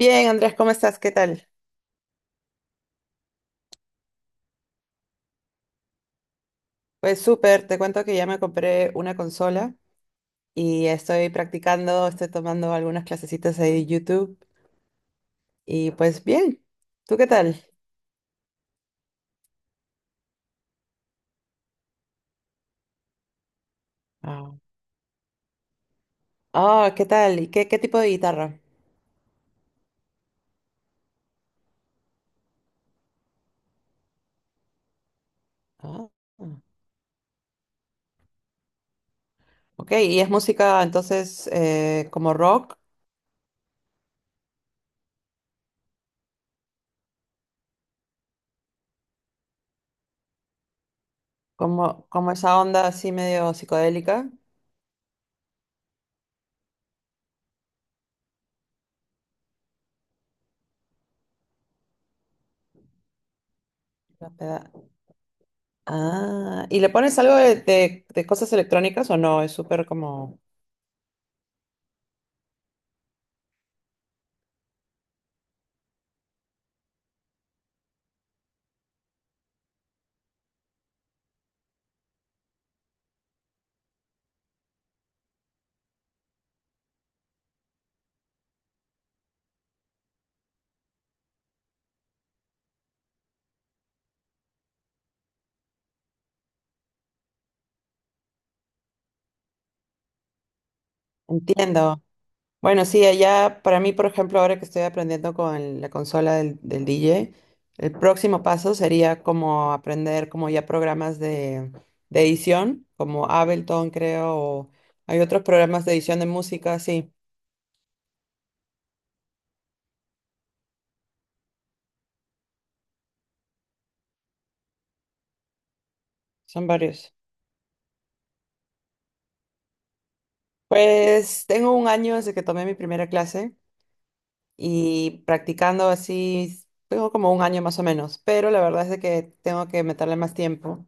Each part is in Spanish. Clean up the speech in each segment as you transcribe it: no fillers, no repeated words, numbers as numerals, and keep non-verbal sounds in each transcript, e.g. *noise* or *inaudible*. Bien, Andrés, ¿cómo estás? ¿Qué tal? Pues súper, te cuento que ya me compré una consola y estoy practicando, estoy tomando algunas clasecitas ahí de YouTube y pues bien, ¿tú qué tal? Ah, Ah, ¿qué tal? ¿Y qué tipo de guitarra? Ah, ah. Ok, ¿y es música entonces como rock? ¿Como esa onda así medio psicodélica? La peda- Ah, ¿y le pones algo de cosas electrónicas o no? Es súper. Entiendo. Bueno, sí, allá para mí, por ejemplo, ahora que estoy aprendiendo con la consola del DJ, el próximo paso sería como aprender como ya programas de edición, como Ableton, creo, o hay otros programas de edición de música, sí, son varios. Pues tengo un año desde que tomé mi primera clase y practicando así, tengo como un año más o menos, pero la verdad es de que tengo que meterle más tiempo.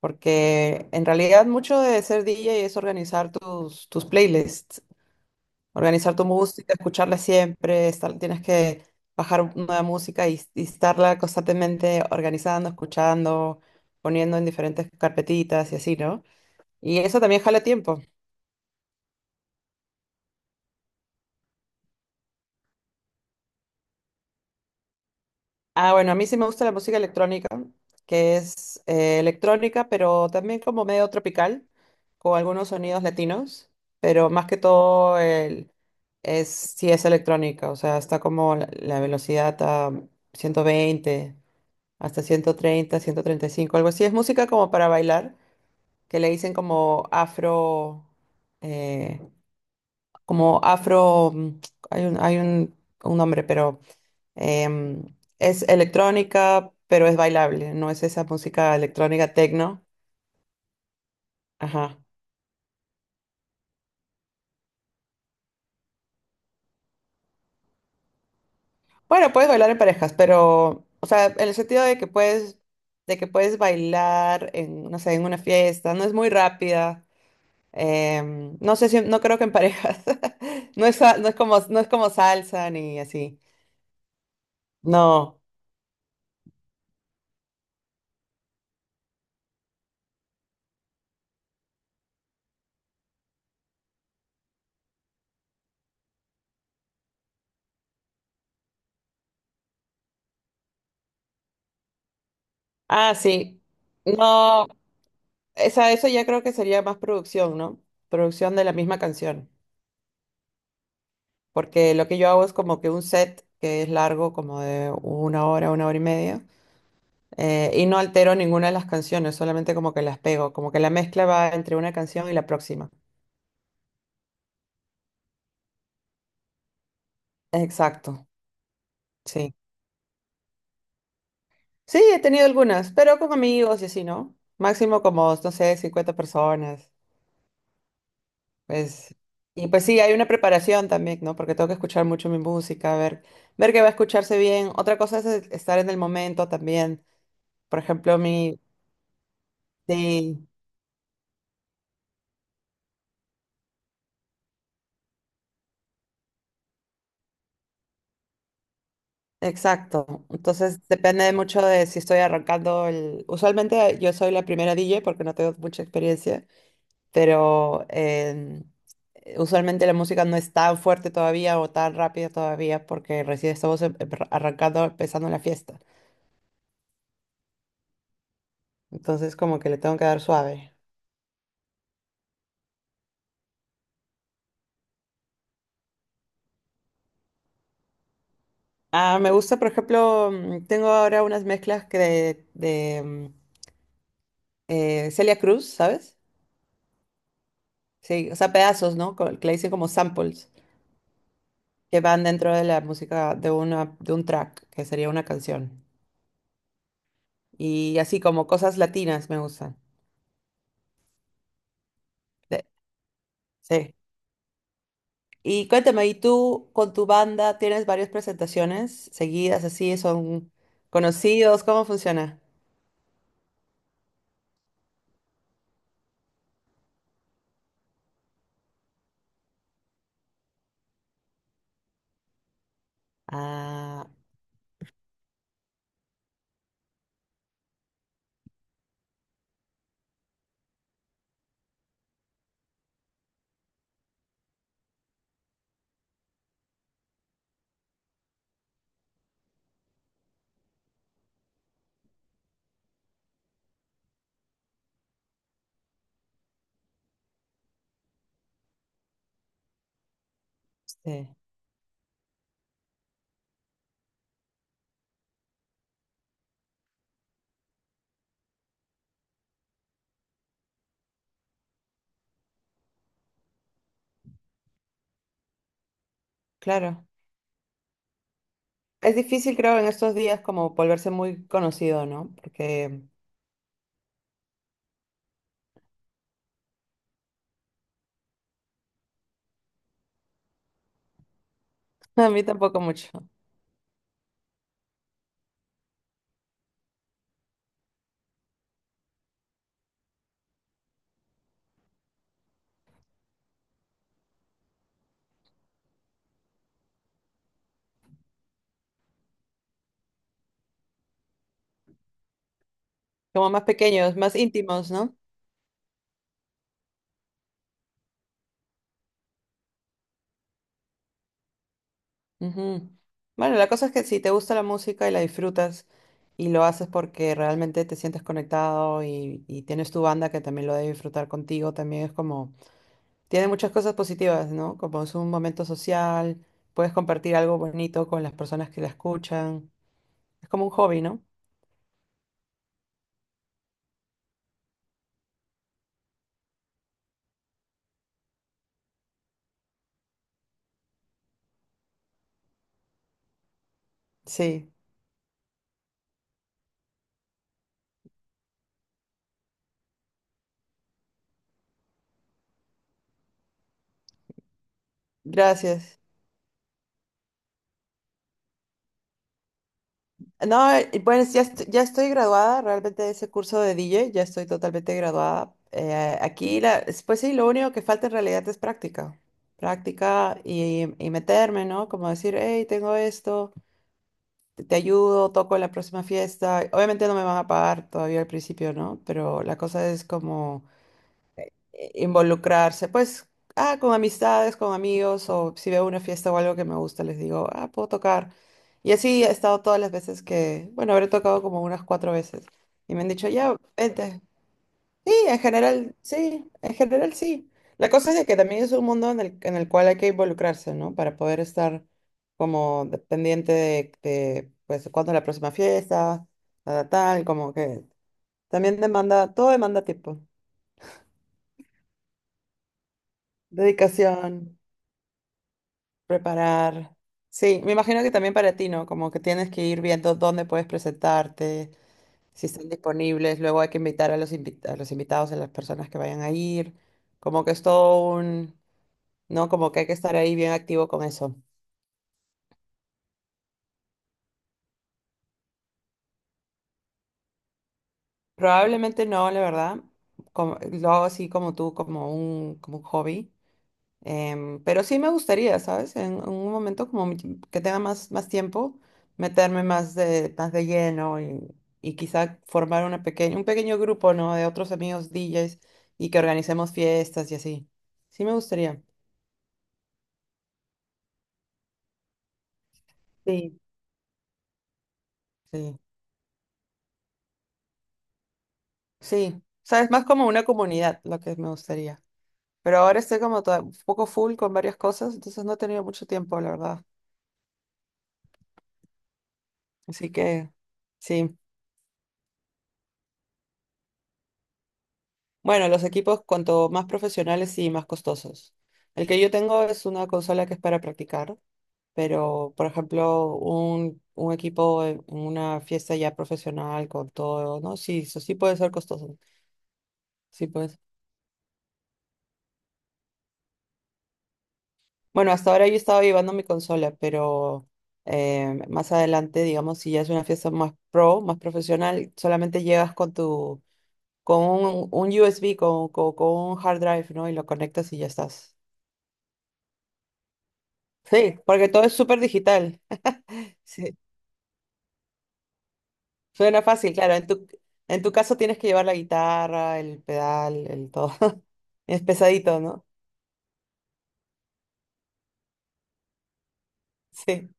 Porque en realidad mucho de ser DJ es organizar tus playlists, organizar tu música, escucharla siempre, tienes que bajar nueva música y estarla constantemente organizando, escuchando, poniendo en diferentes carpetitas y así, ¿no? Y eso también jala tiempo. Ah, bueno, a mí sí me gusta la música electrónica, que es electrónica, pero también como medio tropical, con algunos sonidos latinos, pero más que todo sí es electrónica, o sea, está como la velocidad a 120 hasta ciento treinta, 135, algo así. Es música como para bailar, que le dicen como afro, eh, como afro, hay un nombre, pero Em, es electrónica, pero es bailable, no es esa música electrónica techno. Ajá. Bueno, puedes bailar en parejas, pero, o sea, en el sentido de que puedes bailar en, no sé, en una fiesta, no es muy rápida. No sé si, no creo que en parejas. *laughs* No es como salsa ni así. No. Ah, sí. No. Eso ya creo que sería más producción, ¿no? Producción de la misma canción. Porque lo que yo hago es como que un set que es largo, como de una hora y media, y no altero ninguna de las canciones, solamente como que las pego, como que la mezcla va entre una canción y la próxima. Exacto, sí. Sí, he tenido algunas, pero con amigos y así, ¿no? Máximo como, no sé, 50 personas, pues. Y pues sí, hay una preparación también, ¿no? Porque tengo que escuchar mucho mi música, ver que va a escucharse bien. Otra cosa es estar en el momento también. Por ejemplo, mi... sí. Exacto. Entonces depende mucho de si estoy arrancando. Usualmente yo soy la primera DJ porque no tengo mucha experiencia, pero usualmente la música no es tan fuerte todavía o tan rápida todavía porque recién estamos arrancando, empezando la fiesta. Entonces como que le tengo que dar suave. Ah, me gusta, por ejemplo, tengo ahora unas mezclas que de Celia Cruz, ¿sabes? Sí, o sea, pedazos, ¿no? Que le dicen como samples. Que van dentro de la música de un track, que sería una canción. Y así como cosas latinas me gustan. De- sí. Y cuéntame, ¿y tú con tu banda tienes varias presentaciones seguidas así? ¿Son conocidos? ¿Cómo funciona? Ah, sí, claro. Es difícil, creo, en estos días como volverse muy conocido, ¿no? Porque *laughs* A mí tampoco mucho. Como más pequeños, más íntimos, ¿no? Ujú. Bueno, la cosa es que si te gusta la música y la disfrutas y lo haces porque realmente te sientes conectado y tienes tu banda que también lo debe disfrutar contigo, también es como, tiene muchas cosas positivas, ¿no? Como es un momento social, puedes compartir algo bonito con las personas que la escuchan. Es como un hobby, ¿no? Sí, gracias. No, bueno, sí, ya, ya estoy graduada realmente de ese curso de DJ, ya estoy totalmente graduada. Aquí, pues sí, lo único que falta en realidad es práctica. Práctica y meterme, ¿no? Como decir, hey, tengo esto, te ayudo, toco en la próxima fiesta. Obviamente no me van a pagar todavía al principio, ¿no? Pero la cosa es como involucrarse, pues, ah, con amistades, con amigos, o si veo una fiesta o algo que me gusta, les digo, ah, puedo tocar. Y así he estado todas las veces que, bueno, habré tocado como unas cuatro veces. Y me han dicho, ya, vente. Sí, en general, sí, en general sí. La cosa es de que también es un mundo en el cual hay que involucrarse, ¿no? Para poder estar como pendiente de, pues, cuándo es la próxima fiesta, tal, tal, como que también demanda, todo demanda tiempo, dedicación. Preparar. Sí, me imagino que también para ti, ¿no? Como que tienes que ir viendo dónde puedes presentarte, si están disponibles, luego hay que invitar a los invitados, a las personas que vayan a ir. Como que es todo un, ¿no? Como que hay que estar ahí bien activo con eso. Probablemente no, la verdad. Lo hago así como tú, como un hobby. Pero sí me gustaría, ¿sabes? En un momento como que tenga más tiempo, meterme más de lleno y quizá formar un pequeño grupo, ¿no? De otros amigos DJs y que organicemos fiestas y así. Sí me gustaría, Sí. sí. Sí, ¿sabes? Más como una comunidad lo que me gustaría. Pero ahora estoy como un poco full con varias cosas, entonces no he tenido mucho tiempo, la verdad. Así que sí. Bueno, los equipos cuanto más profesionales y más costosos. El que yo tengo es una consola que es para practicar, pero por ejemplo, un equipo en una fiesta ya profesional con todo, ¿no? Sí, eso sí puede ser costoso. Sí, pues. Bueno, hasta ahora yo estaba llevando mi consola, pero más adelante, digamos, si ya es una fiesta más profesional, solamente llegas con un USB, con un hard drive, ¿no? Y lo conectas y ya estás. Sí, porque todo es súper digital. *laughs* Sí, suena fácil, claro. En tu caso tienes que llevar la guitarra, el pedal, el todo. *laughs* Es pesadito, ¿no? Sí.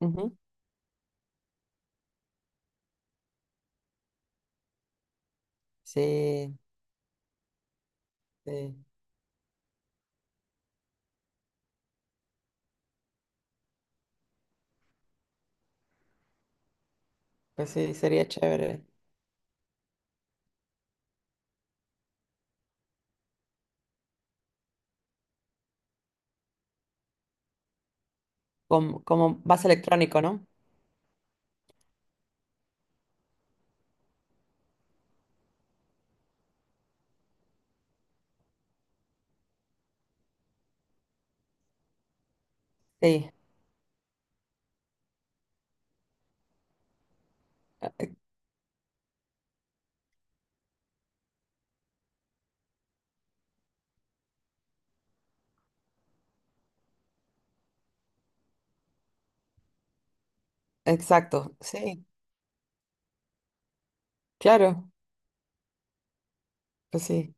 Ujú. Sí, sí. Pues sí, sería chévere. Como más electrónico, ¿no? Sí, exacto. Sí, claro. Pues sí,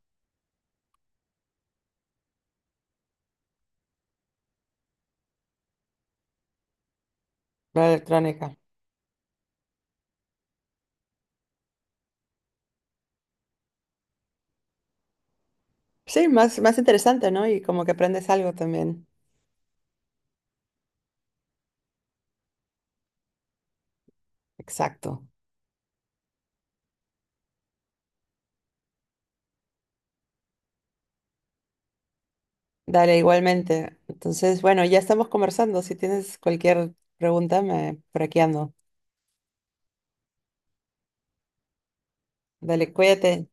la electrónica. Sí, más interesante, ¿no? Y como que aprendes algo también. Exacto. Dale, igualmente. Entonces, bueno, ya estamos conversando. Si tienes cualquier pregunta, me, por aquí ando. Dale, cuídate.